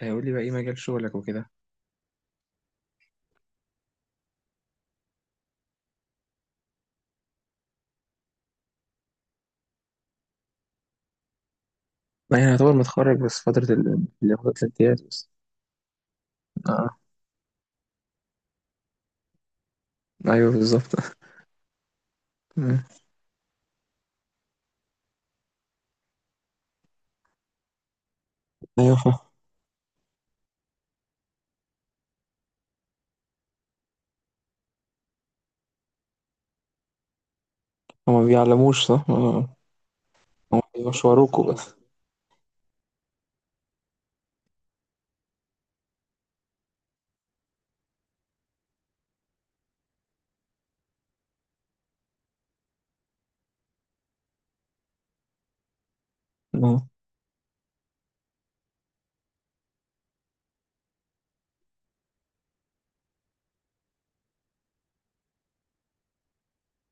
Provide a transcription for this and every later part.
هيقول لي بقى ايه مجال شغلك وكده؟ ما يعني يعتبر متخرج، بس فترة اللي هو الامتياز بس. اه، ايوه بالظبط. مم. ايوه فاهم. هما ما بيعلموش، صح آه. هما بيشوروكوا بس آه.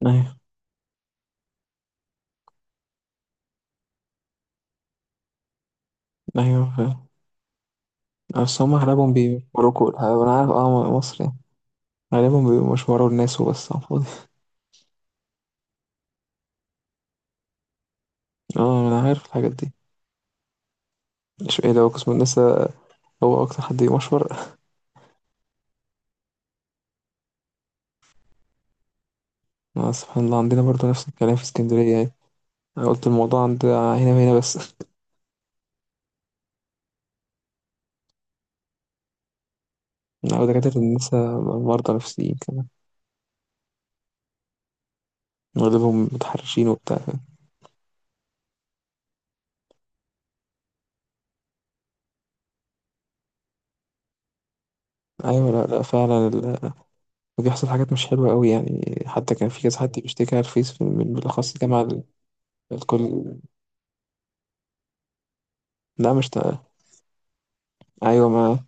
ايوه ايوه فاهم. بس هما اغلبهم بيشوروكوا الحقيقة. انا عارف مصر يعني غالبا بيبقوا مشوروا الناس وبس على الفاضي. اه، انا عارف الحاجات دي. مش ايه لو قسم النساء؟ هو اكتر حد يمشور. آه، سبحان الله، عندنا برضو نفس الكلام في اسكندرية يعني. انا قلت الموضوع عند هنا وهنا بس. لا، دكاترة النساء مرضى نفسيين كمان، واغلبهم متحرشين وبتاع، فاهم. أيوه، لأ، لأ، فعلًا بيحصل حاجات مش حلوة أوي يعني. حتى كان في كذا حد بيشتكي على الفيس، في، من بالأخص الجامعة الكل. لأ، مش أيوه، ما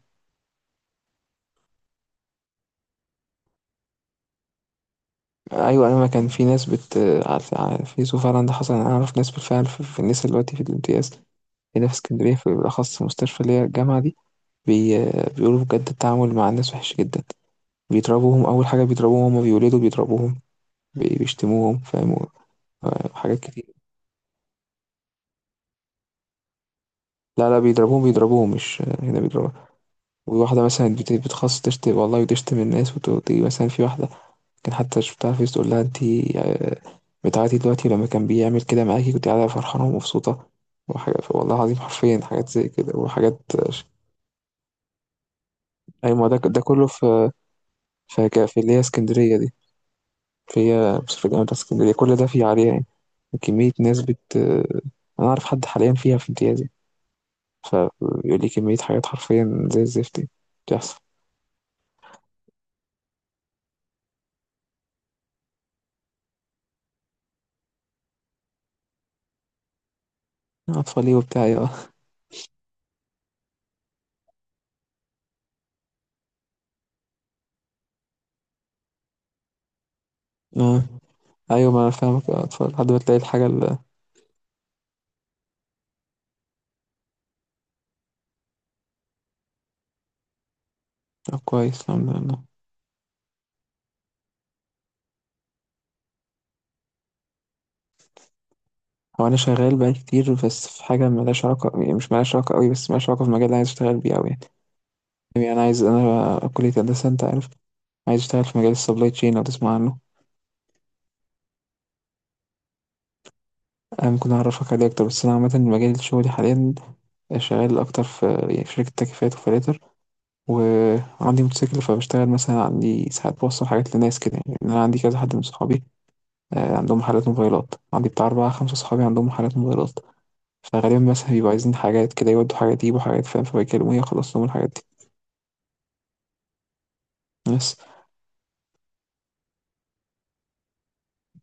أيوه أيوه، ما كان في ناس على الفيس، وفعلًا ده حصل. يعني أنا أعرف ناس بالفعل، في النسا دلوقتي في الامتياز، هنا في إسكندرية، في بالأخص في مستشفى اللي هي الجامعة دي، بي بيقولوا بجد التعامل مع الناس وحِش جدًا. بيضربوهم، أول حاجة بيضربوهم، وهُم بيولدوا بيضربوهم، بيشتموهم، فاهم. و وحاجات كتير. لا لا، بيضربوهم بيضربوهم، مش هنا بيضربوها. وواحدة مثلا بتخص تشتم والله، وتشتم الناس، وتيجي مثلا في واحدة، كان حتى شفتها في تقول لها انتي بتاعتي دلوقتي لما كان بيعمل كده معاكي كنت قاعدة فرحانة ومبسوطة، وحاجة والله العظيم، حرفيا حاجات زي كده وحاجات. أيوة، ما ده كله في، في اللي هي اسكندرية دي، في هي بس في الجامعة بتاعت اسكندرية، كل ده فيه عليها يعني. وكمية ناس أنا أعرف حد حاليا فيها في امتيازي، فبيقول لي كمية حاجات حرفيا زي الزفت دي بتحصل. أطفالي وبتاع آه. آه. أيوه، ما أنا فاهمك، أطفال لحد ما تلاقي الحاجة آه، كويس، الحمد لله. هو أنا شغال بقالي كتير، بس في حاجة ملهاش علاقة، يعني مش ملهاش علاقة أوي، بس ملهاش علاقة في المجال اللي عايز أشتغل بيه أوي يعني. يعني أنا كلية هندسة، أنت عارف، عايز أشتغل في مجال السبلاي تشين، لو تسمع عنه. أنا ممكن أعرفك عليه أكتر، بس أنا عامة مجال شغلي حاليا شغال أكتر يعني في شركة تكييفات وفلاتر. وعندي موتوسيكل، فبشتغل مثلا، عندي ساعات بوصل حاجات لناس كده يعني. يعني أنا عندي كذا حد من صحابي، عندهم محلات موبايلات، عندي بتاع أربعة خمسة صحابي عندهم محلات موبايلات، فغالبا مثلا بيبقوا عايزين حاجات كده، يودوا حاجات، يجيبوا حاجات، فاهم، فبيكلموني أخلص لهم الحاجات دي. بس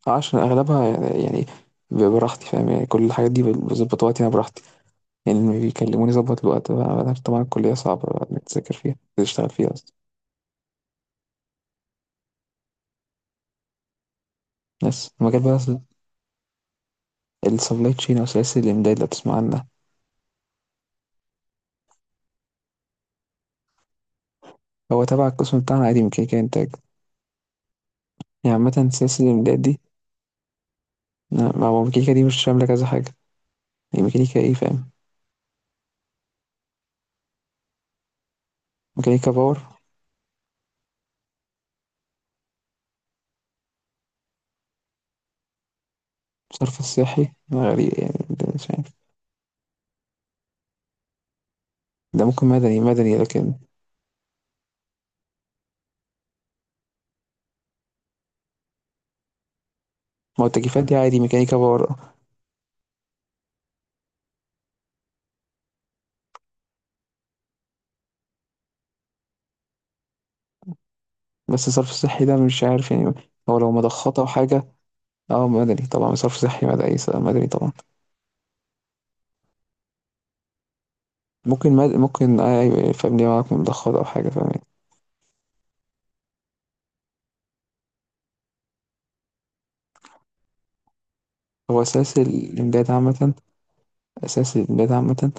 عشان أغلبها يعني بيبقى براحتي فاهم. يعني كل الحاجات دي بظبط وقتي، أنا براحتي، يعني لما بيكلموني ظبط الوقت بقى. أنا عارف طبعا الكلية صعبة بقى إنك تذاكر فيها تشتغل فيها أصلا. بس المجال بقى السبلاي تشين، أو سلاسل الإمداد، لو تسمع عنها. هو تبع القسم بتاعنا عادي، ميكانيكا إنتاج. يعني عامة سلاسل الإمداد دي، ما هو ميكانيكا دي مش شاملة كذا حاجة. يعني ميكانيكا إيه، فاهم. ميكانيكا باور. صرف الصحي غريب يعني، ده مش عارف. ده ممكن مدني مدني، لكن ما. هو التكييفات دي عادي ميكانيكا باور. بس صرف الصحي ده مش عارف يعني. هو لو مضخات او حاجه. اه، مدني طبعا، صرف صحي، مدني مدني طبعا. ممكن ممكن ايوه، فاهم، ليه معاك مضخات او حاجه، فاهم يعني. هو اساس الامداد عامه، اساس الامداد عامه.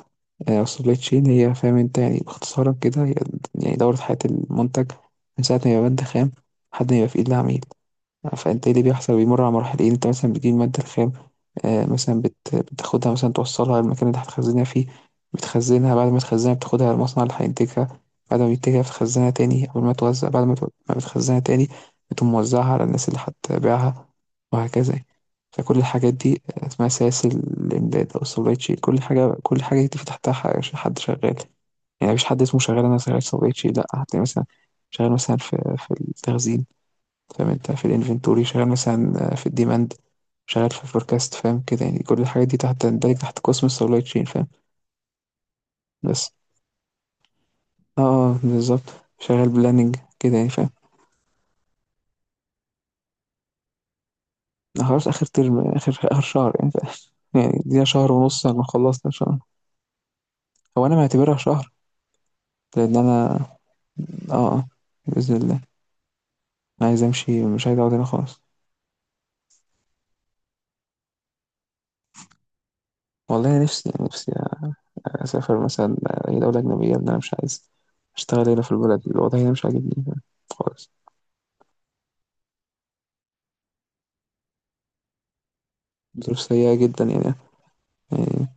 آه، السبلاي تشين هي، فاهم انت، يعني باختصارا كده، هي يعني دورة حياة المنتج، من ساعة ما يبقى مادة خام، لحد ما يبقى في إيد العميل. فانت ايه اللي بيحصل؟ بيمر على مراحل، ايه انت مثلا بتجيب المادة الخام، مثلا بتاخدها مثلا، توصلها المكان اللي هتخزنها فيه، بتخزنها. بعد ما تخزنها بتاخدها المصنع اللي هينتجها، بعد ما بينتجها بتخزنها تاني قبل ما توزع، بعد ما، ما بتخزنها تاني، بتقوم موزعها على الناس اللي هتبيعها، وهكذا يعني. فكل الحاجات دي اسمها سلاسل الإمداد أو السبلاي تشين. كل حاجة كل حاجة دي في تحتها حد شغال. يعني مفيش حد اسمه شغال أنا شغال سبلاي تشين، لأ، هتلاقي مثلا شغال مثلا في التخزين، فاهم انت، في الانفنتوري، شغال مثلا في الديماند، شغال في الفوركاست، فاهم كده يعني. كل الحاجات دي تحت تندرج تحت قسم السبلاي تشين، فاهم. بس بالظبط، شغال بلاننج كده يعني، فاهم. أنا خلاص اخر ترم، اخر اخر شهر يعني، فاهم. يعني دي شهر ونص لما خلصنا ان شاء الله. هو انا معتبرها شهر، لان انا، اه آه، باذن الله. انا عايز امشي، مش عايز اقعد هنا خالص. والله أنا نفسي نفسي اسافر مثلا اي دوله اجنبيه، لان انا مش عايز اشتغل هنا في البلد، الوضع هنا مش عاجبني خالص. ظروف سيئة جدا يعني، يعني.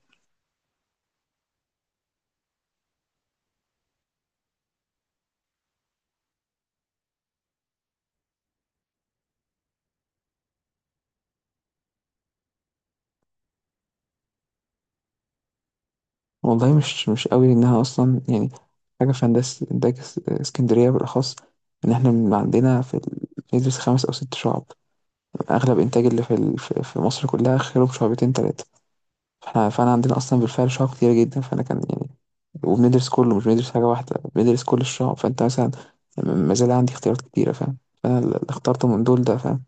والله مش قوي، لأنها أصلا يعني حاجة في هندسة إنتاج، اسكندرية بالأخص، إن إحنا من عندنا ندرس خمس أو ست شعب. أغلب إنتاج اللي في ال... في في مصر كلها خيره بشعبتين تلاتة، فأنا عندنا أصلا بالفعل شعب كتير جدا، فأنا كان يعني، وبندرس كله، مش بندرس حاجة واحدة بندرس كل الشعب. فأنت مثلا، ما زال عندي اختيارات كتيرة، فاهم، فأنا اللي اخترته من دول ده، فاهم،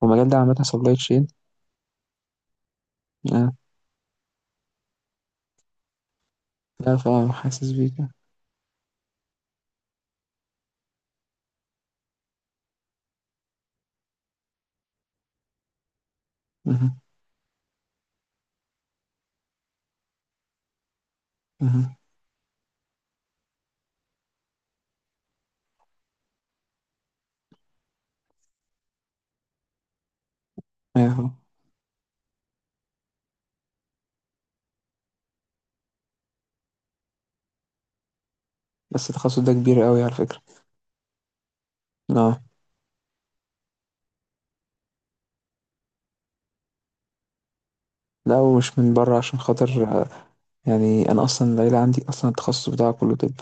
والمجال ده عامة سبلاي تشين. لا، فاهم، حاسس بيك. مهم. مهم. أيوه. بس التخصص ده كبير قوي على فكرة. اه. لا، ومش من بره، عشان خاطر، يعني انا اصلا العيلة عندي اصلا التخصص بتاعها كله طب.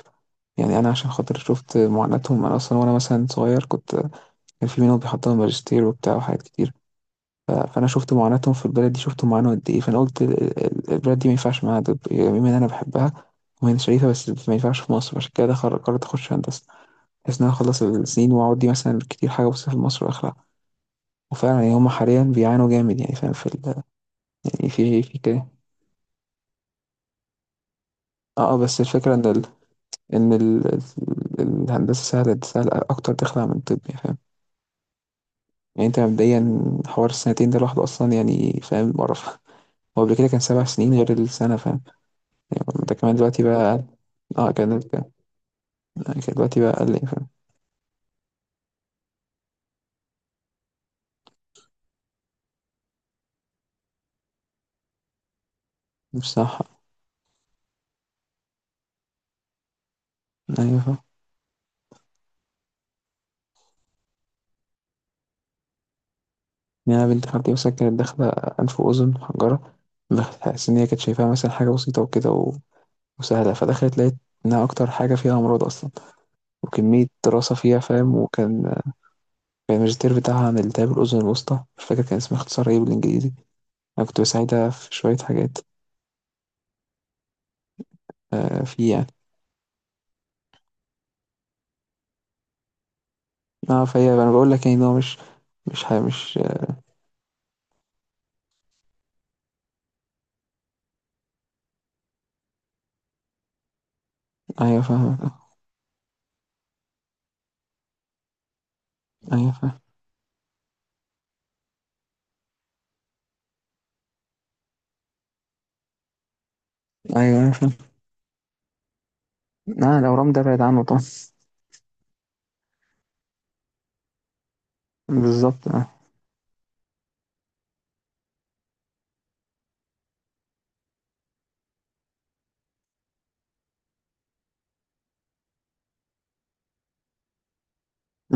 يعني انا عشان خاطر شفت معاناتهم، انا اصلا وانا مثلا صغير كنت، كان في منهم بيحضروا ماجستير وبتاع وحاجات كتير. فانا شفت معاناتهم في البلد دي، شفت معاناة قد ايه، فانا قلت البلد دي ما ينفعش معاها، طب يعني بما ان انا بحبها وهي شريفة، بس ما ينفعش في مصر، عشان كده قررت اخش هندسة، بحيث ان انا اخلص السنين واقعد دي مثلا كتير حاجة بس في مصر واخلع. وفعلا يعني هم حاليا بيعانوا جامد يعني، فاهم، في ايه، في كده. بس الفكرة ان الهندسة سهلة، سهلة اكتر تخلع من الطب، يعني فاهم. يعني انت مبدئيا، حوار السنتين ده لوحده اصلا يعني، فاهم، مقرف. هو قبل كده كان 7 سنين غير السنة، فاهم. يعني ده كمان دلوقتي بقى أقل. اه، كان كان دلوقتي بقى اقل يعني، فاهم. مش صح. ايوه، فاهم. يعني أنا بنت خالتي مثلا كانت داخلة أنف وأذن محجرة، بحس إن هي كانت شايفاها مثلا حاجة بسيطة وكده، وسهلة، فدخلت لقيت إنها أكتر حاجة فيها أمراض أصلا وكمية دراسة فيها، فاهم، وكان، يعني الماجستير بتاعها عن التهاب الأذن الوسطى، مش فاكر كان اسمها اختصار ايه بالإنجليزي. أنا كنت بساعدها في شوية حاجات. آه، فيه يعني. اه، فهي أنا بقول لك يعني إن هو مش، مش حاجة، مش أيوه فاهم. أيوه فاهم. أيوه أيوه فاهم. لا، الأورام ده بعيد عنه طبعا. بالظبط اه.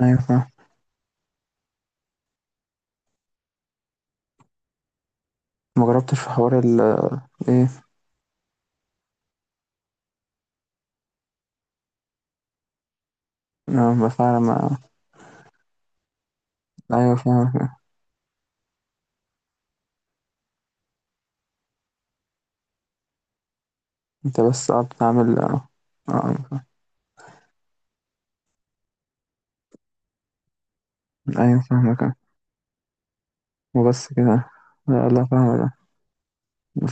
أيوه فاهم. ما جربتش في حوار إيه. آه، ما فعلا ما. أيوه فاهم. أنت بس قعدت تعمل آه، أيوه فاهم. أيوه فاهمك آه. وبس كده. لا لا، فاهمك آه.